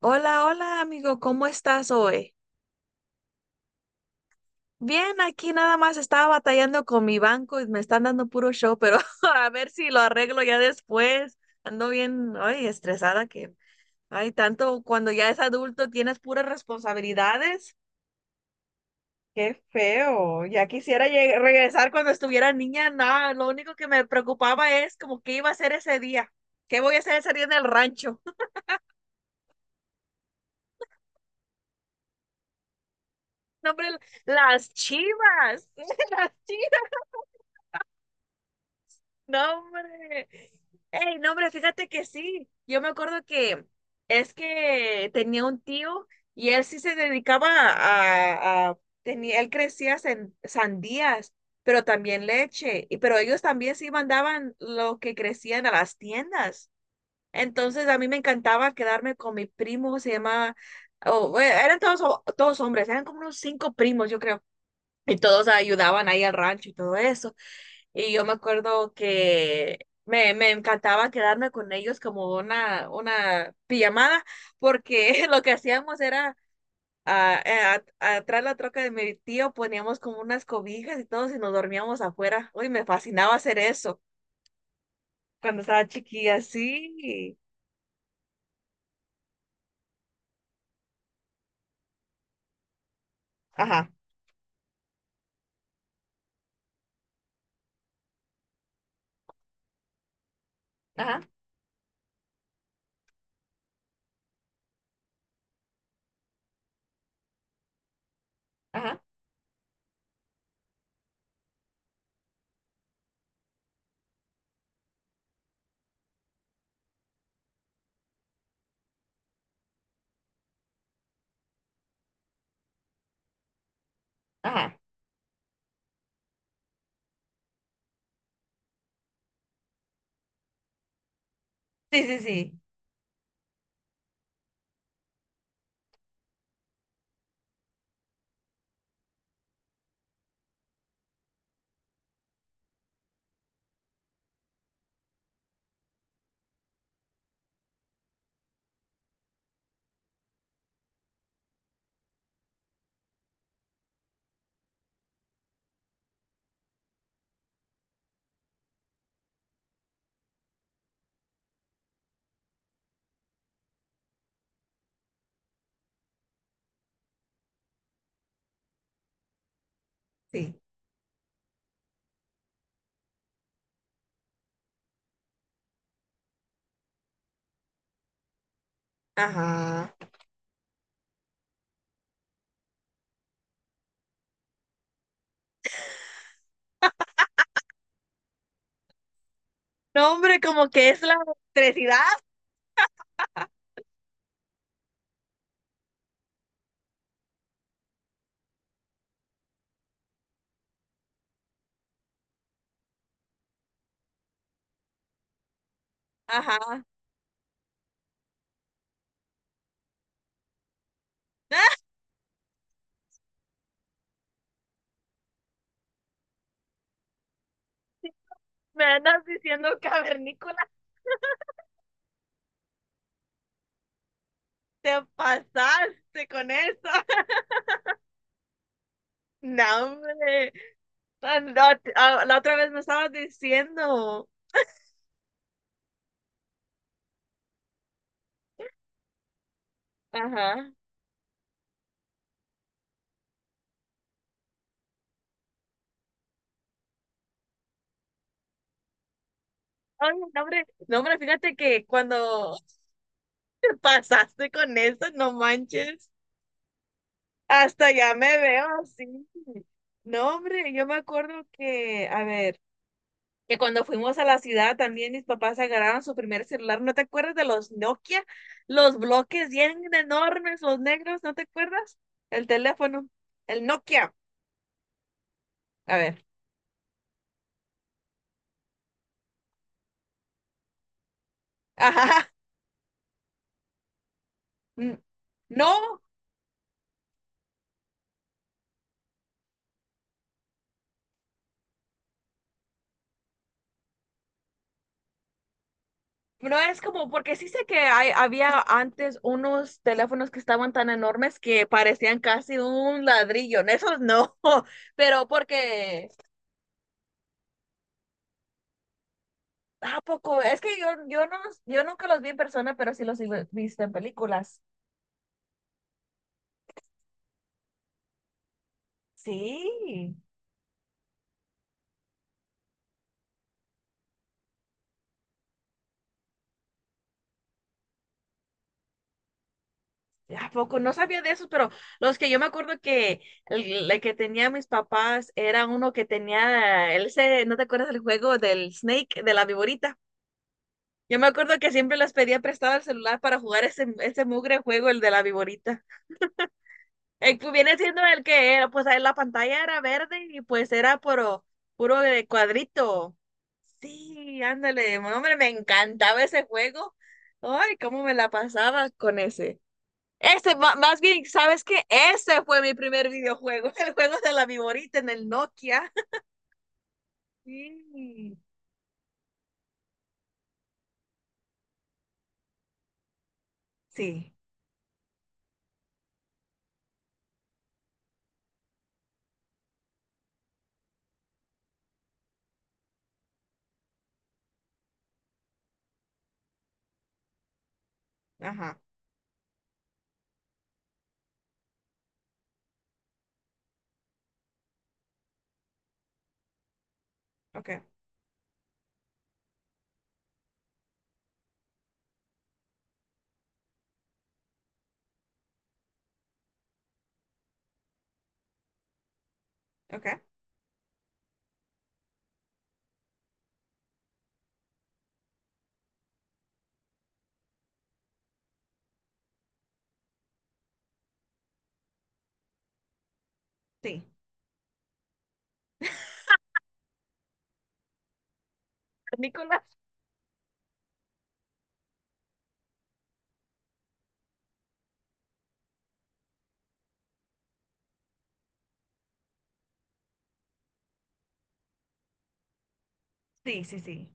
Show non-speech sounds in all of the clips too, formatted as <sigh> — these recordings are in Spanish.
Hola, hola amigo, ¿cómo estás hoy? Bien, aquí nada más estaba batallando con mi banco y me están dando puro show, pero <laughs> a ver si lo arreglo ya después. Ando bien, ay, estresada que, ay, tanto cuando ya es adulto tienes puras responsabilidades. Qué feo, ya quisiera regresar cuando estuviera niña, nada, lo único que me preocupaba es como qué iba a hacer ese día, qué voy a hacer ese día en el rancho. <laughs> No, hombre, las chivas, <laughs> las chivas. No, hombre. Ey, no, hombre, fíjate que sí. Yo me acuerdo que es que tenía un tío y él sí se dedicaba tenía, él crecía sandías, pero también leche. Y pero ellos también sí mandaban lo que crecían a las tiendas. Entonces a mí me encantaba quedarme con mi primo, se llama, oh, eran todos, todos hombres, eran como unos cinco primos, yo creo. Y todos ayudaban ahí al rancho y todo eso. Y yo me acuerdo que me encantaba quedarme con ellos como una pijamada, porque <laughs> lo que hacíamos era atrás de la troca de mi tío poníamos como unas cobijas y todos y nos dormíamos afuera. Uy, me fascinaba hacer eso cuando estaba chiquilla, sí. Ajá, ajá, ajá, ajá. Sí, sí, sí, sí. Ajá. No, hombre, como que es la electricidad. Ajá. <laughs> Me andas diciendo cavernícola. Te pasaste con eso. <laughs> No, hombre. Ah, la, ah, la otra vez me estabas diciendo. Ajá. Ay, no, hombre. No, hombre, fíjate que cuando <laughs> te pasaste con eso, no manches. Hasta ya me veo así. No, hombre, yo me acuerdo que, a ver, que cuando fuimos a la ciudad también mis papás agarraron su primer celular. ¿No te acuerdas de los Nokia? Los bloques bien enormes, los negros, ¿no te acuerdas? El teléfono, el Nokia. A ver. Ajá. N- No, no es como, porque sí sé que hay, había antes unos teléfonos que estaban tan enormes que parecían casi un ladrillo. En esos no, <laughs> pero porque, ¿a poco? Es que yo no, yo nunca los vi en persona, pero sí los he visto en películas. Sí. ¿A poco? No sabía de esos, pero los que yo me acuerdo que el que tenía mis papás era uno que tenía, él se, ¿no te acuerdas del juego del Snake, de la viborita? Yo me acuerdo que siempre les pedía prestado el celular para jugar ese mugre juego, el de la viborita. El que viene siendo el que era, pues ahí la pantalla era verde y pues era puro, puro de cuadrito. Sí, ándale, no, hombre, me encantaba ese juego. Ay, cómo me la pasaba con ese. Ese, más bien, ¿sabes qué? Ese fue mi primer videojuego, <laughs> el juego de la viborita en el Nokia. <laughs> Sí, sí, ajá, ok, ok, sí. Nicolás, sí, sí, sí,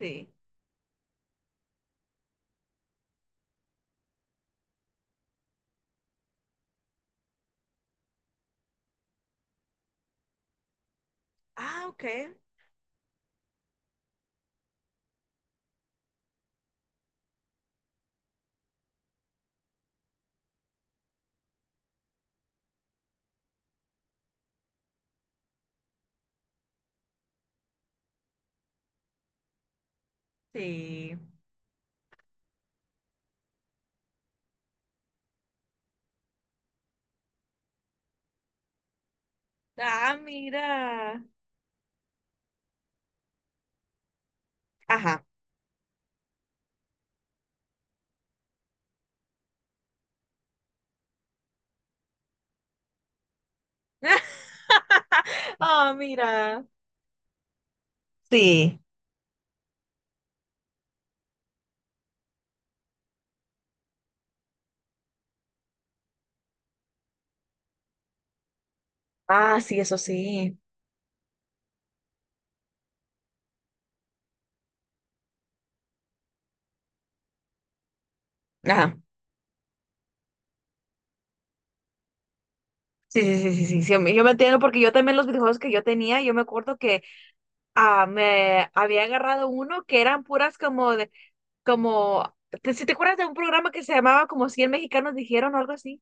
sí. Ah, ok. Sí. Ah, mira. Ajá. <laughs> Ah, mira. Sí. Ah, sí, eso sí. Ajá. Sí, sí, sí, sí, sí, sí, yo me entiendo porque yo también los videojuegos que yo tenía, yo me acuerdo que me había agarrado uno que eran puras como de, como, ¿ si te acuerdas de un programa que se llamaba como 100 mexicanos dijeron o algo así?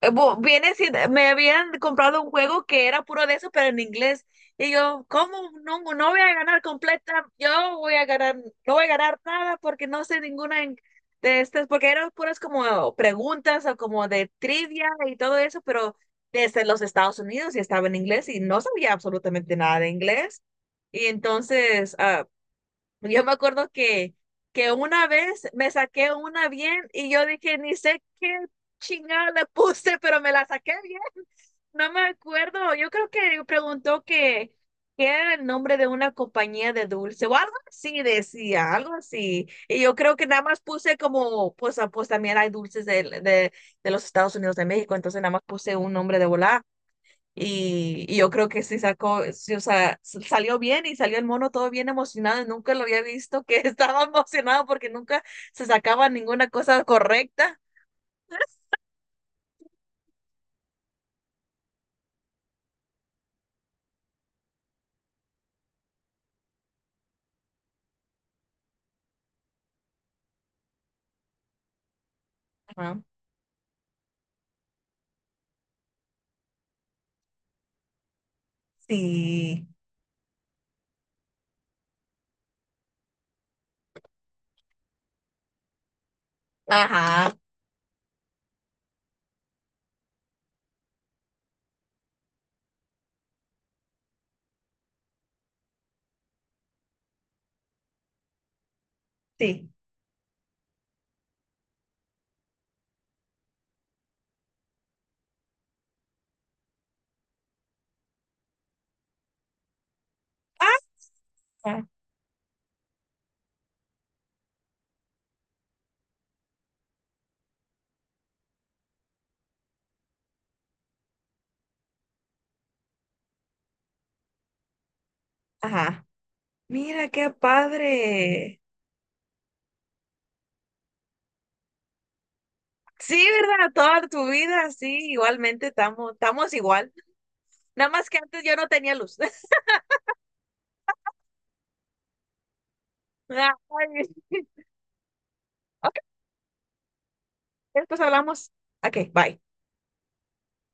Viene siendo, me habían comprado un juego que era puro de eso, pero en inglés. Y yo, ¿cómo? No, no voy a ganar completa, yo voy a ganar, no voy a ganar nada porque no sé ninguna de estas, porque eran puras como preguntas o como de trivia y todo eso, pero desde los Estados Unidos y estaba en inglés y no sabía absolutamente nada de inglés. Y entonces, yo me acuerdo que una vez me saqué una bien y yo dije, ni sé qué chingada le <laughs> puse, pero me la saqué bien. No me acuerdo. Yo creo que preguntó que, qué era el nombre de una compañía de dulce o algo así decía, algo así. Y yo creo que nada más puse como, pues, ah, pues también hay dulces de los Estados Unidos de México, entonces nada más puse un nombre de volar. Y yo creo que sí sacó, sí, o sea, salió bien y salió el mono todo bien emocionado. Y nunca lo había visto que <laughs> estaba emocionado porque nunca se sacaba ninguna cosa correcta. Ajá. Sí, ajá, sí. Ah, ajá. Mira qué padre. Sí, ¿verdad? Toda tu vida, sí, igualmente estamos, estamos igual. Nada más que antes yo no tenía luz. <laughs> Ay, ok, después hablamos. Ok, bye.